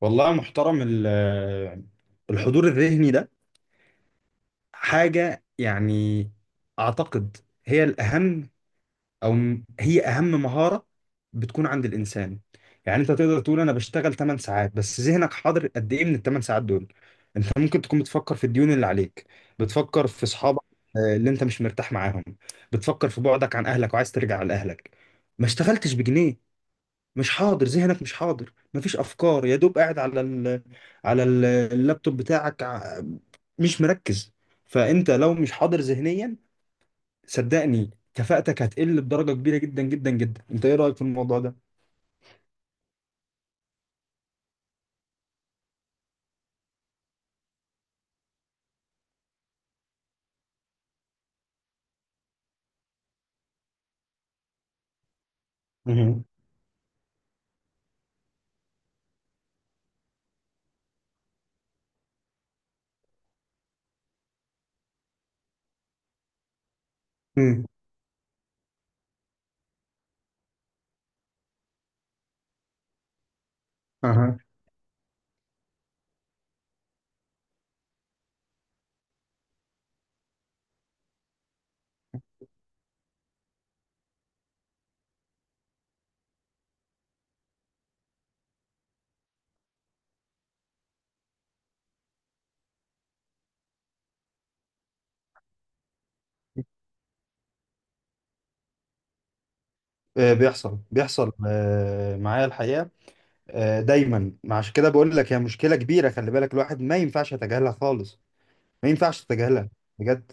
والله يا محترم الحضور الذهني ده حاجة يعني أعتقد هي الأهم أو هي أهم مهارة بتكون عند الإنسان. يعني أنت تقدر تقول أنا بشتغل 8 ساعات بس ذهنك حاضر قد إيه من ال 8 ساعات دول؟ أنت ممكن تكون بتفكر في الديون اللي عليك، بتفكر في أصحابك، آه، اللي أنت مش مرتاح معاهم، بتفكر في بعدك عن أهلك وعايز ترجع لأهلك. ما اشتغلتش بجنيه، مش حاضر، ذهنك مش حاضر، مفيش افكار، يا دوب قاعد على اللابتوب بتاعك، مش مركز. فانت لو مش حاضر ذهنيا، صدقني كفاءتك هتقل بدرجة كبيرة جدا جدا جدا. انت ايه رأيك في الموضوع ده؟ مهم. مم. أها. آه، بيحصل بيحصل، معايا الحقيقة. آه، دايما عشان كده بقول لك هي مشكلة كبيرة، خلي بالك، الواحد ما ينفعش يتجاهلها خالص، ما ينفعش تتجاهلها، بجد.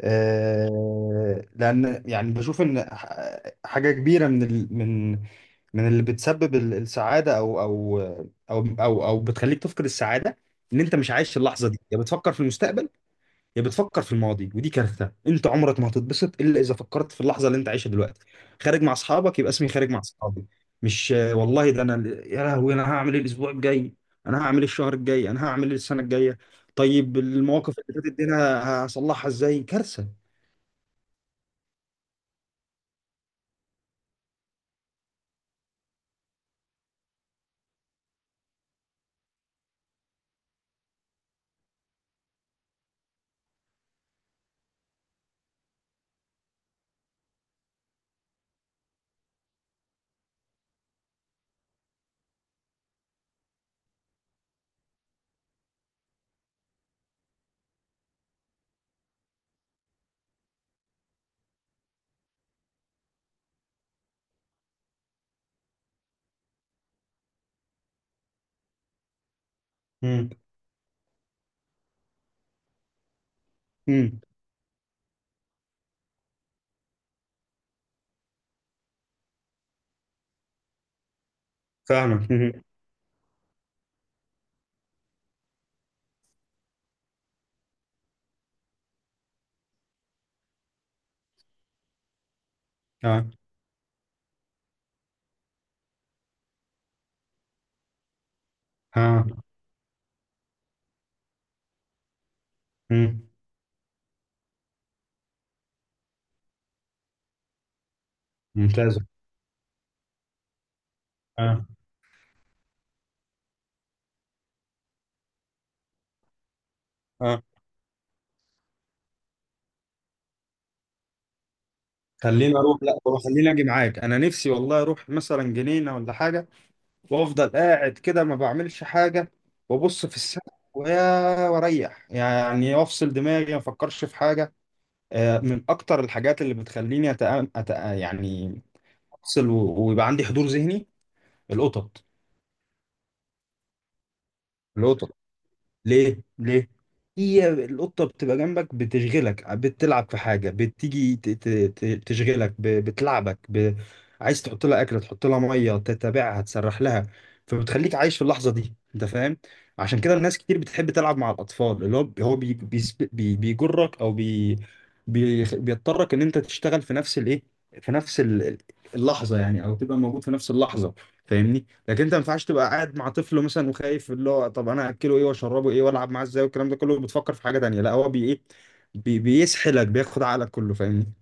آه، لان يعني بشوف ان حاجه كبيره من اللي بتسبب السعاده، او او بتخليك تفقد السعاده، ان انت مش عايش اللحظه دي، يا بتفكر في المستقبل يا بتفكر في الماضي، ودي كارثه. انت عمرك ما هتتبسط الا اذا فكرت في اللحظه اللي انت عايشها دلوقتي. خارج مع اصحابك يبقى اسمي خارج مع اصحابي، مش والله ده انا يا لهوي انا هعمل ايه الاسبوع الجاي، انا هعمل ايه الشهر الجاي، انا هعمل ايه السنه الجايه، طيب المواقف اللي فاتت دي انا هصلحها ازاي؟ كارثه. مم. مم. فاهمك. مم. اه. اه. مم. ممتازة. اه. اه. خليني اروح، لا هو خليني اجي معاك. انا نفسي والله اروح مثلا جنينة ولا حاجة، وافضل قاعد كده ما بعملش حاجة، وابص في السقف، ويا واريح يعني، وافصل دماغي، ما افكرش في حاجة. آه، من اكتر الحاجات اللي بتخليني يعني افصل، ويبقى عندي حضور ذهني، القطط. القطط. ليه ليه؟ هي القطه بتبقى جنبك، بتشغلك، بتلعب في حاجه، بتيجي تشغلك، بتلعبك، عايز تحط لها اكل، تحط لها ميه، تتابعها، تسرح لها، فبتخليك عايش في اللحظه دي. انت فاهم؟ عشان كده الناس كتير بتحب تلعب مع الاطفال، اللي هو بيجرك، او بيضطرك ان انت تشتغل في نفس الايه، في نفس اللحظه يعني، او تبقى موجود في نفس اللحظه. فاهمني؟ لكن انت ما ينفعش تبقى قاعد مع طفل مثلا وخايف، اللي هو طب انا اكله ايه واشربه ايه والعب معاه ازاي، والكلام ده كله، بتفكر في حاجه تانيه، لا هو بي ايه بي بيسحلك، بياخد عقلك كله. فاهمني؟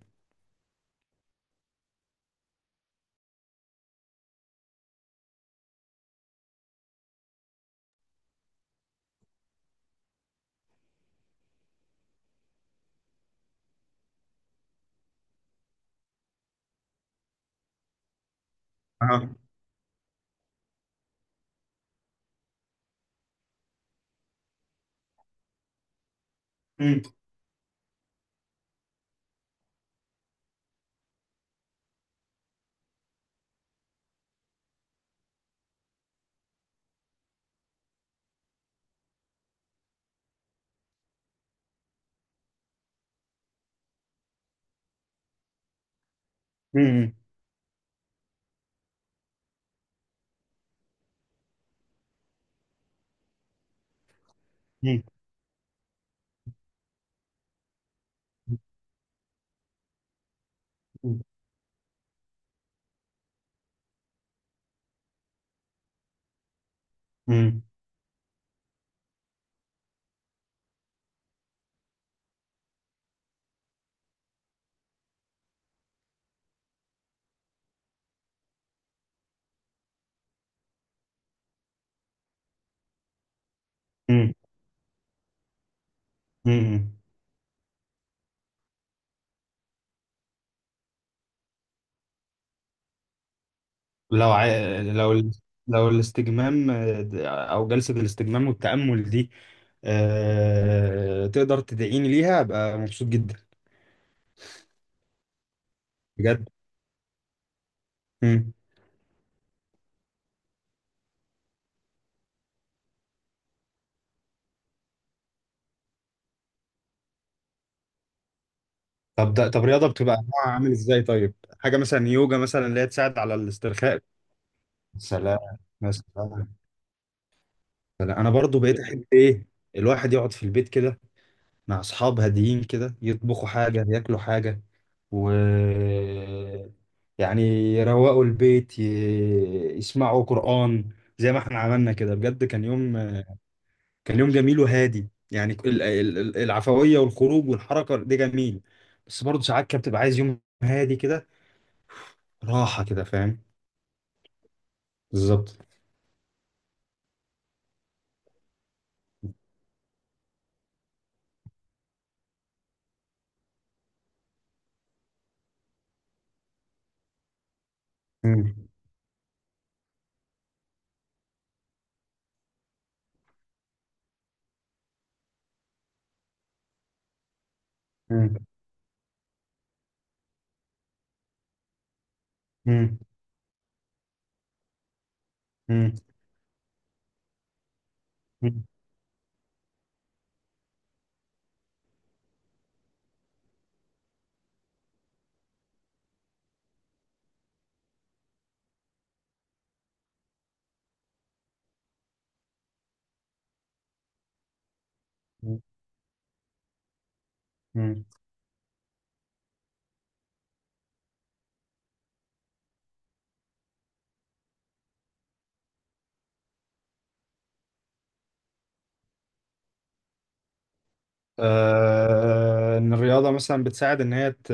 اه. مم. مم. مم. مم. مم. مم. لو ع... لو ال... لو الاستجمام، او جلسة الاستجمام والتأمل دي، تقدر تدعيني ليها ابقى مبسوط جدا، بجد. مم. طب ده، رياضة بتبقى نوعها عامل ازاي طيب؟ حاجة مثلا يوجا مثلا، اللي هي تساعد على الاسترخاء. سلام. يا سلام. سلام. انا برضو بقيت احب ايه، الواحد يقعد في البيت كده، مع اصحاب هاديين كده، يطبخوا حاجه، ياكلوا حاجه، و يعني يروقوا البيت، يسمعوا قران، زي ما احنا عملنا كده، بجد كان يوم جميل وهادي. يعني العفويه والخروج والحركه ده جميل، بس برضو ساعات كده بتبقى عايز يوم هادي كده، راحه كده. فاهم؟ بالظبط. مم. مم. مم. مم. مم. آه، ان الرياضه مثلا بتساعد ان هي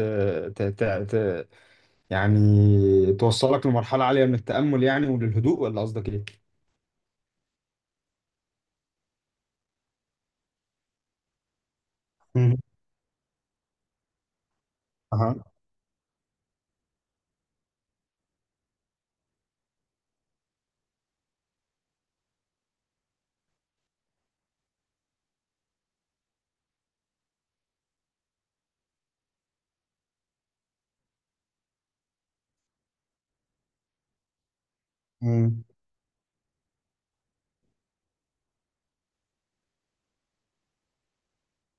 ت... ت... ت... يعني توصلك لمرحله عاليه من التامل يعني، وللهدوء، ولا قصدك ايه؟ مم. اها. امم.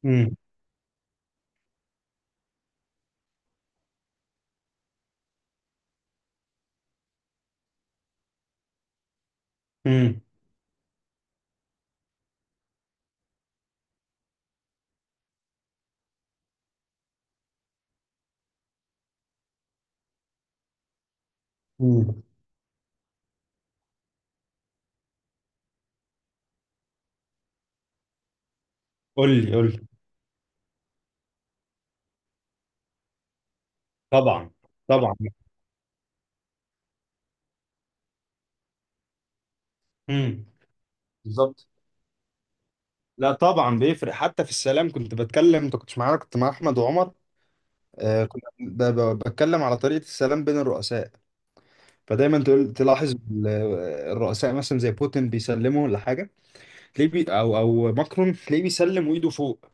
امم. امم. امم. قول لي، قول لي. طبعا، طبعا. امم. بالظبط. لا طبعا بيفرق، حتى في السلام كنت بتكلم، انت كنتش معانا، كنت مع احمد وعمر، آه، كنت بتكلم على طريقه السلام بين الرؤساء، فدايما تقول تلاحظ الرؤساء مثلا زي بوتين بيسلموا لحاجه، تلاقيه بي او او ماكرون تلاقيه بيسلم وايده فوق،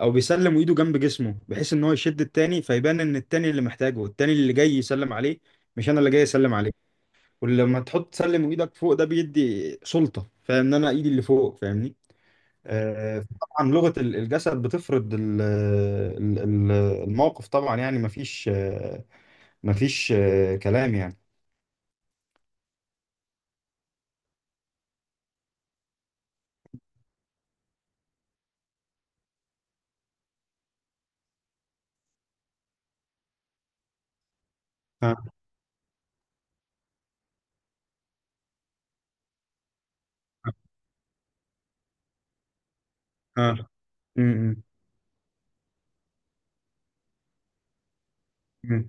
او بيسلم وايده جنب جسمه، بحيث ان هو يشد التاني فيبان ان التاني اللي محتاجه، التاني اللي جاي يسلم عليه، مش انا اللي جاي اسلم عليه. ولما تحط تسلم وايدك فوق، ده بيدي سلطة، فاهم ان انا ايدي اللي فوق، فاهمني؟ آه طبعا، لغة الجسد بتفرض الموقف طبعا يعني، مفيش مفيش كلام يعني. اه. اه. م- م- م.